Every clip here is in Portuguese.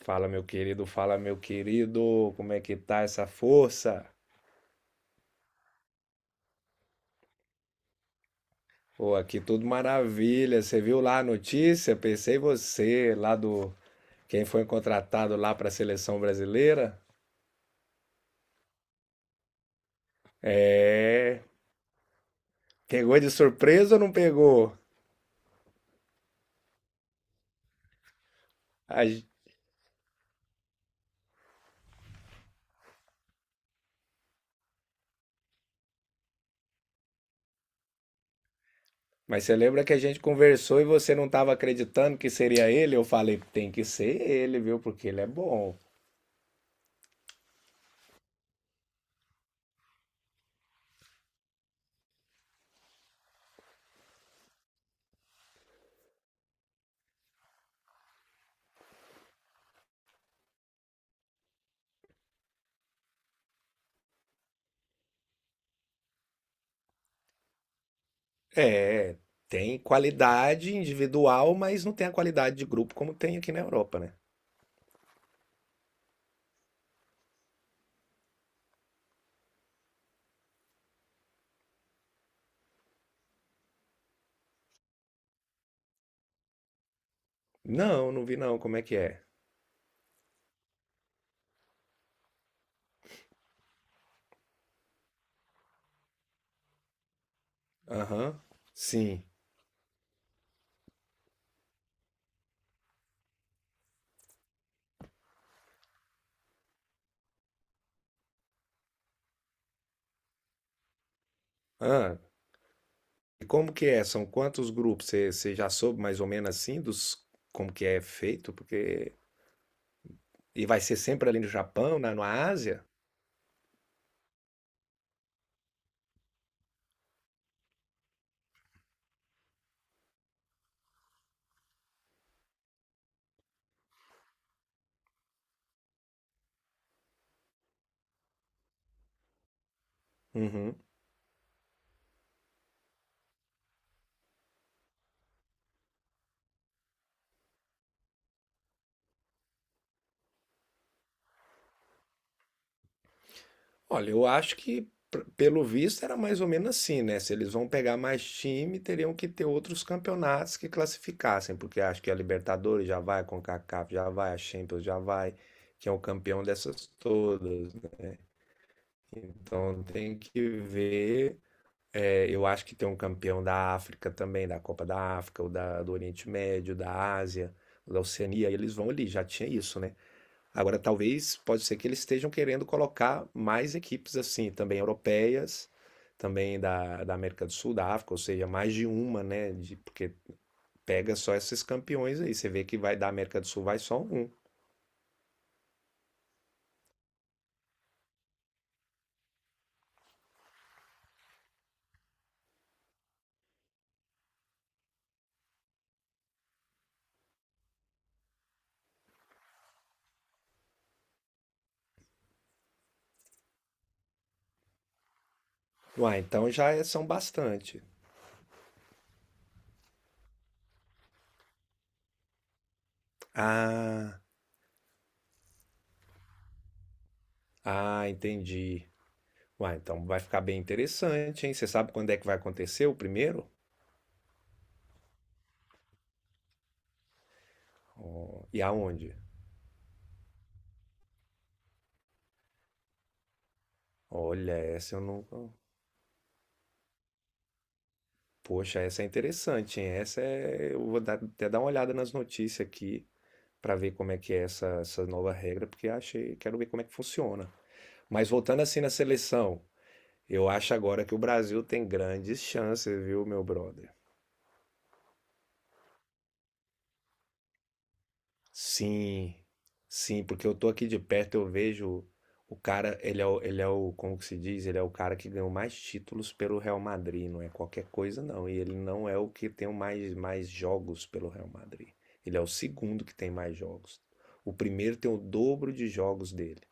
Fala, meu querido, como é que tá essa força? Pô, aqui tudo maravilha. Você viu lá a notícia? Pensei em você, lá do quem foi contratado lá para a seleção brasileira. É, pegou de surpresa ou não pegou? A gen- Mas você lembra que a gente conversou e você não estava acreditando que seria ele? Eu falei, tem que ser ele, viu? Porque ele é bom. É, tem qualidade individual, mas não tem a qualidade de grupo como tem aqui na Europa, né? Não, não vi não. Como é que é? Aham. Sim. Ah, e como que é? São quantos grupos? Você já soube mais ou menos assim dos como que é feito? Porque e vai ser sempre ali no Japão, na Ásia? Uhum. Olha, eu acho que pelo visto era mais ou menos assim, né? Se eles vão pegar mais time, teriam que ter outros campeonatos que classificassem, porque acho que a Libertadores já vai, a CONCACAF já vai, a Champions já vai, que é o campeão dessas todas. Então tem que ver. É, eu acho que tem um campeão da África também, da Copa da África, ou da, do Oriente Médio, da Ásia, da Oceania, e eles vão ali, já tinha isso, né? Agora, talvez, pode ser que eles estejam querendo colocar mais equipes assim, também europeias, também da, da América do Sul, da África, ou seja, mais de uma, né? De, porque pega só esses campeões aí, você vê que vai da América do Sul, vai só um. Uai, então são bastante. Ah, ah, entendi. Uai, então vai ficar bem interessante, hein? Você sabe quando é que vai acontecer o primeiro? E aonde? Olha, essa eu não. Poxa, essa é interessante, hein? Essa é. Eu vou até dar uma olhada nas notícias aqui para ver como é que é essa, essa nova regra, porque achei. Quero ver como é que funciona. Mas voltando assim na seleção, eu acho agora que o Brasil tem grandes chances, viu, meu brother? Sim, sim, porque eu tô aqui de perto, eu vejo o cara, ele é o, como que se diz? Ele é o cara que ganhou mais títulos pelo Real Madrid, não é qualquer coisa não. E ele não é o que tem o mais jogos pelo Real Madrid. Ele é o segundo que tem mais jogos. O primeiro tem o dobro de jogos dele.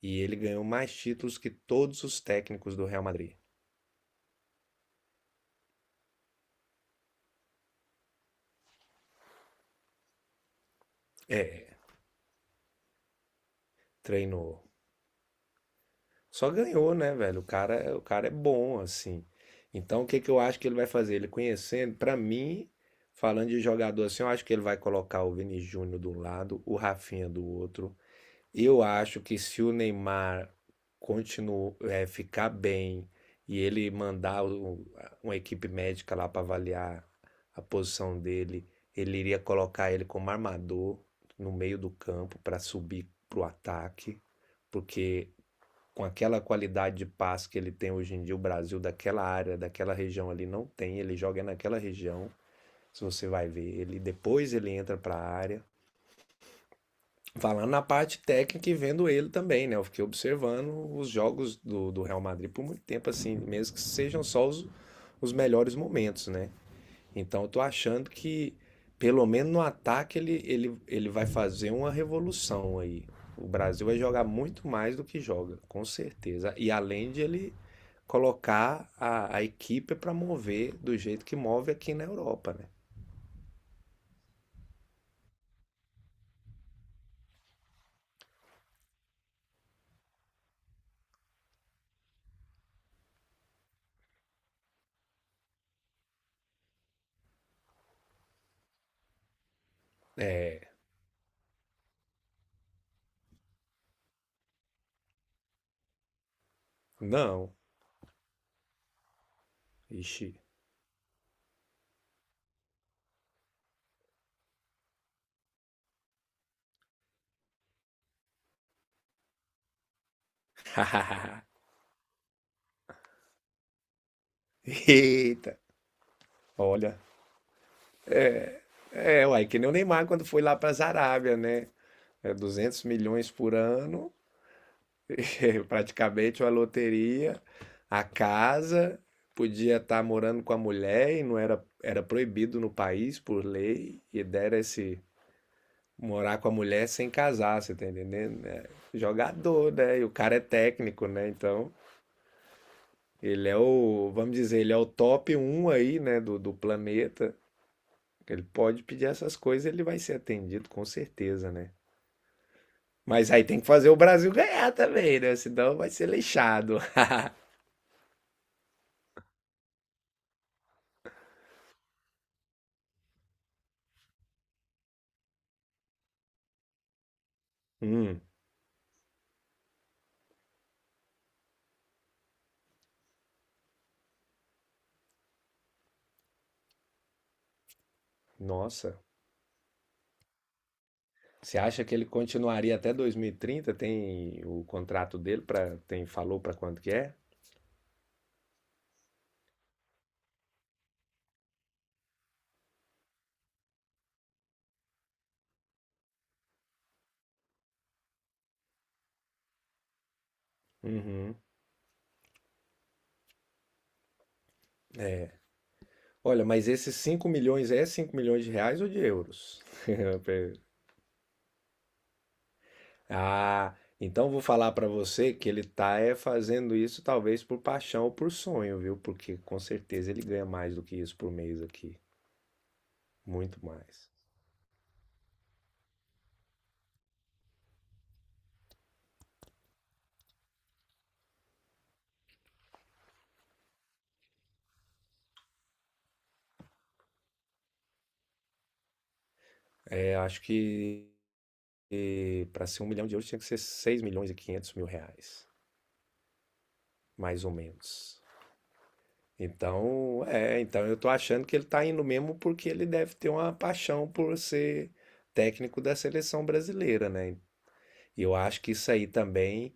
E ele ganhou mais títulos que todos os técnicos do Real Madrid. É, treinou. Só ganhou, né, velho? O cara é bom, assim. Então, o que que eu acho que ele vai fazer? Ele conhecendo, pra mim, falando de jogador assim, eu acho que ele vai colocar o Vini Júnior do lado, o Rafinha do outro. Eu acho que se o Neymar continuar, ficar bem e ele mandar uma equipe médica lá para avaliar a posição dele, ele iria colocar ele como armador no meio do campo para subir pro ataque, porque com aquela qualidade de passe que ele tem hoje em dia, o Brasil daquela área, daquela região ali não tem, ele joga naquela região. Se você vai ver ele, depois ele entra para a área. Falando na parte técnica e vendo ele também, né? Eu fiquei observando os jogos do Real Madrid por muito tempo, assim, mesmo que sejam só os melhores momentos, né? Então eu tô achando que, pelo menos no ataque, ele vai fazer uma revolução aí. O Brasil vai jogar muito mais do que joga, com certeza. E além de ele colocar a equipe para mover do jeito que move aqui na Europa, né? É, não. Ixi. Eita. Olha. É, uai, que nem o Neymar quando foi lá para a Arábia, né? É 200 milhões por ano. Praticamente uma loteria, a casa, podia estar morando com a mulher e não era, era proibido no país por lei, e dera esse morar com a mulher sem casar, você tá entendendo? É jogador, né? E o cara é técnico, né? Então, ele é o, vamos dizer, ele é o top um aí, né, do planeta. Ele pode pedir essas coisas, ele vai ser atendido com certeza, né? Mas aí tem que fazer o Brasil ganhar também, né? Senão vai ser leixado. Hum, nossa. Você acha que ele continuaria até 2030? Tem o contrato dele para tem falou para quanto que é? Uhum. Olha, mas esses 5 milhões é 5 milhões de reais ou de euros? Ah, então vou falar para você que ele tá é fazendo isso talvez por paixão ou por sonho, viu? Porque com certeza ele ganha mais do que isso por mês aqui, muito mais. É, acho que para ser um milhão de euros tinha que ser 6.500.000 reais, mais ou menos. Então, é, então eu tô achando que ele tá indo mesmo porque ele deve ter uma paixão por ser técnico da seleção brasileira, né? E eu acho que isso aí também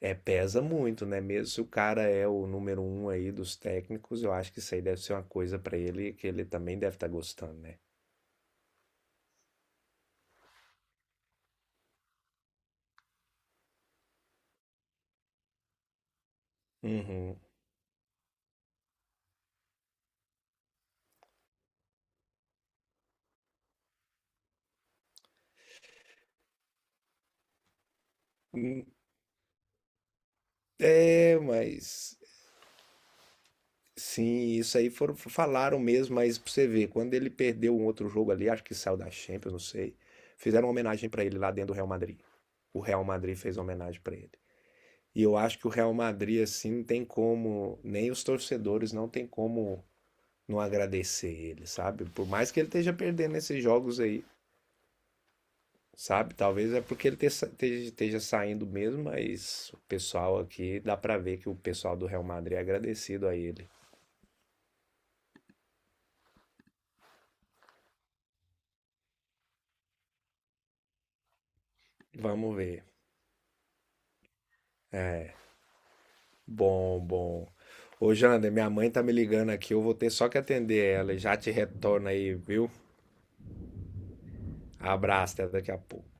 é, pesa muito, né? Mesmo se o cara é o número um aí dos técnicos, eu acho que isso aí deve ser uma coisa pra ele que ele também deve estar gostando, né? Uhum. Hum. É, mas sim, isso aí foram, falaram mesmo, mas pra você ver, quando ele perdeu um outro jogo ali, acho que saiu da Champions, não sei. Fizeram uma homenagem pra ele lá dentro do Real Madrid. O Real Madrid fez uma homenagem pra ele. E eu acho que o Real Madrid, assim, não tem como, nem os torcedores não tem como não agradecer ele, sabe? Por mais que ele esteja perdendo esses jogos aí, sabe? Talvez é porque ele esteja saindo mesmo, mas o pessoal aqui, dá pra ver que o pessoal do Real Madrid é agradecido a ele. Vamos ver. Bom, bom. Ô, Jander, minha mãe tá me ligando aqui, eu vou ter só que atender ela. Já te retorno aí, viu? Abraço, até daqui a pouco.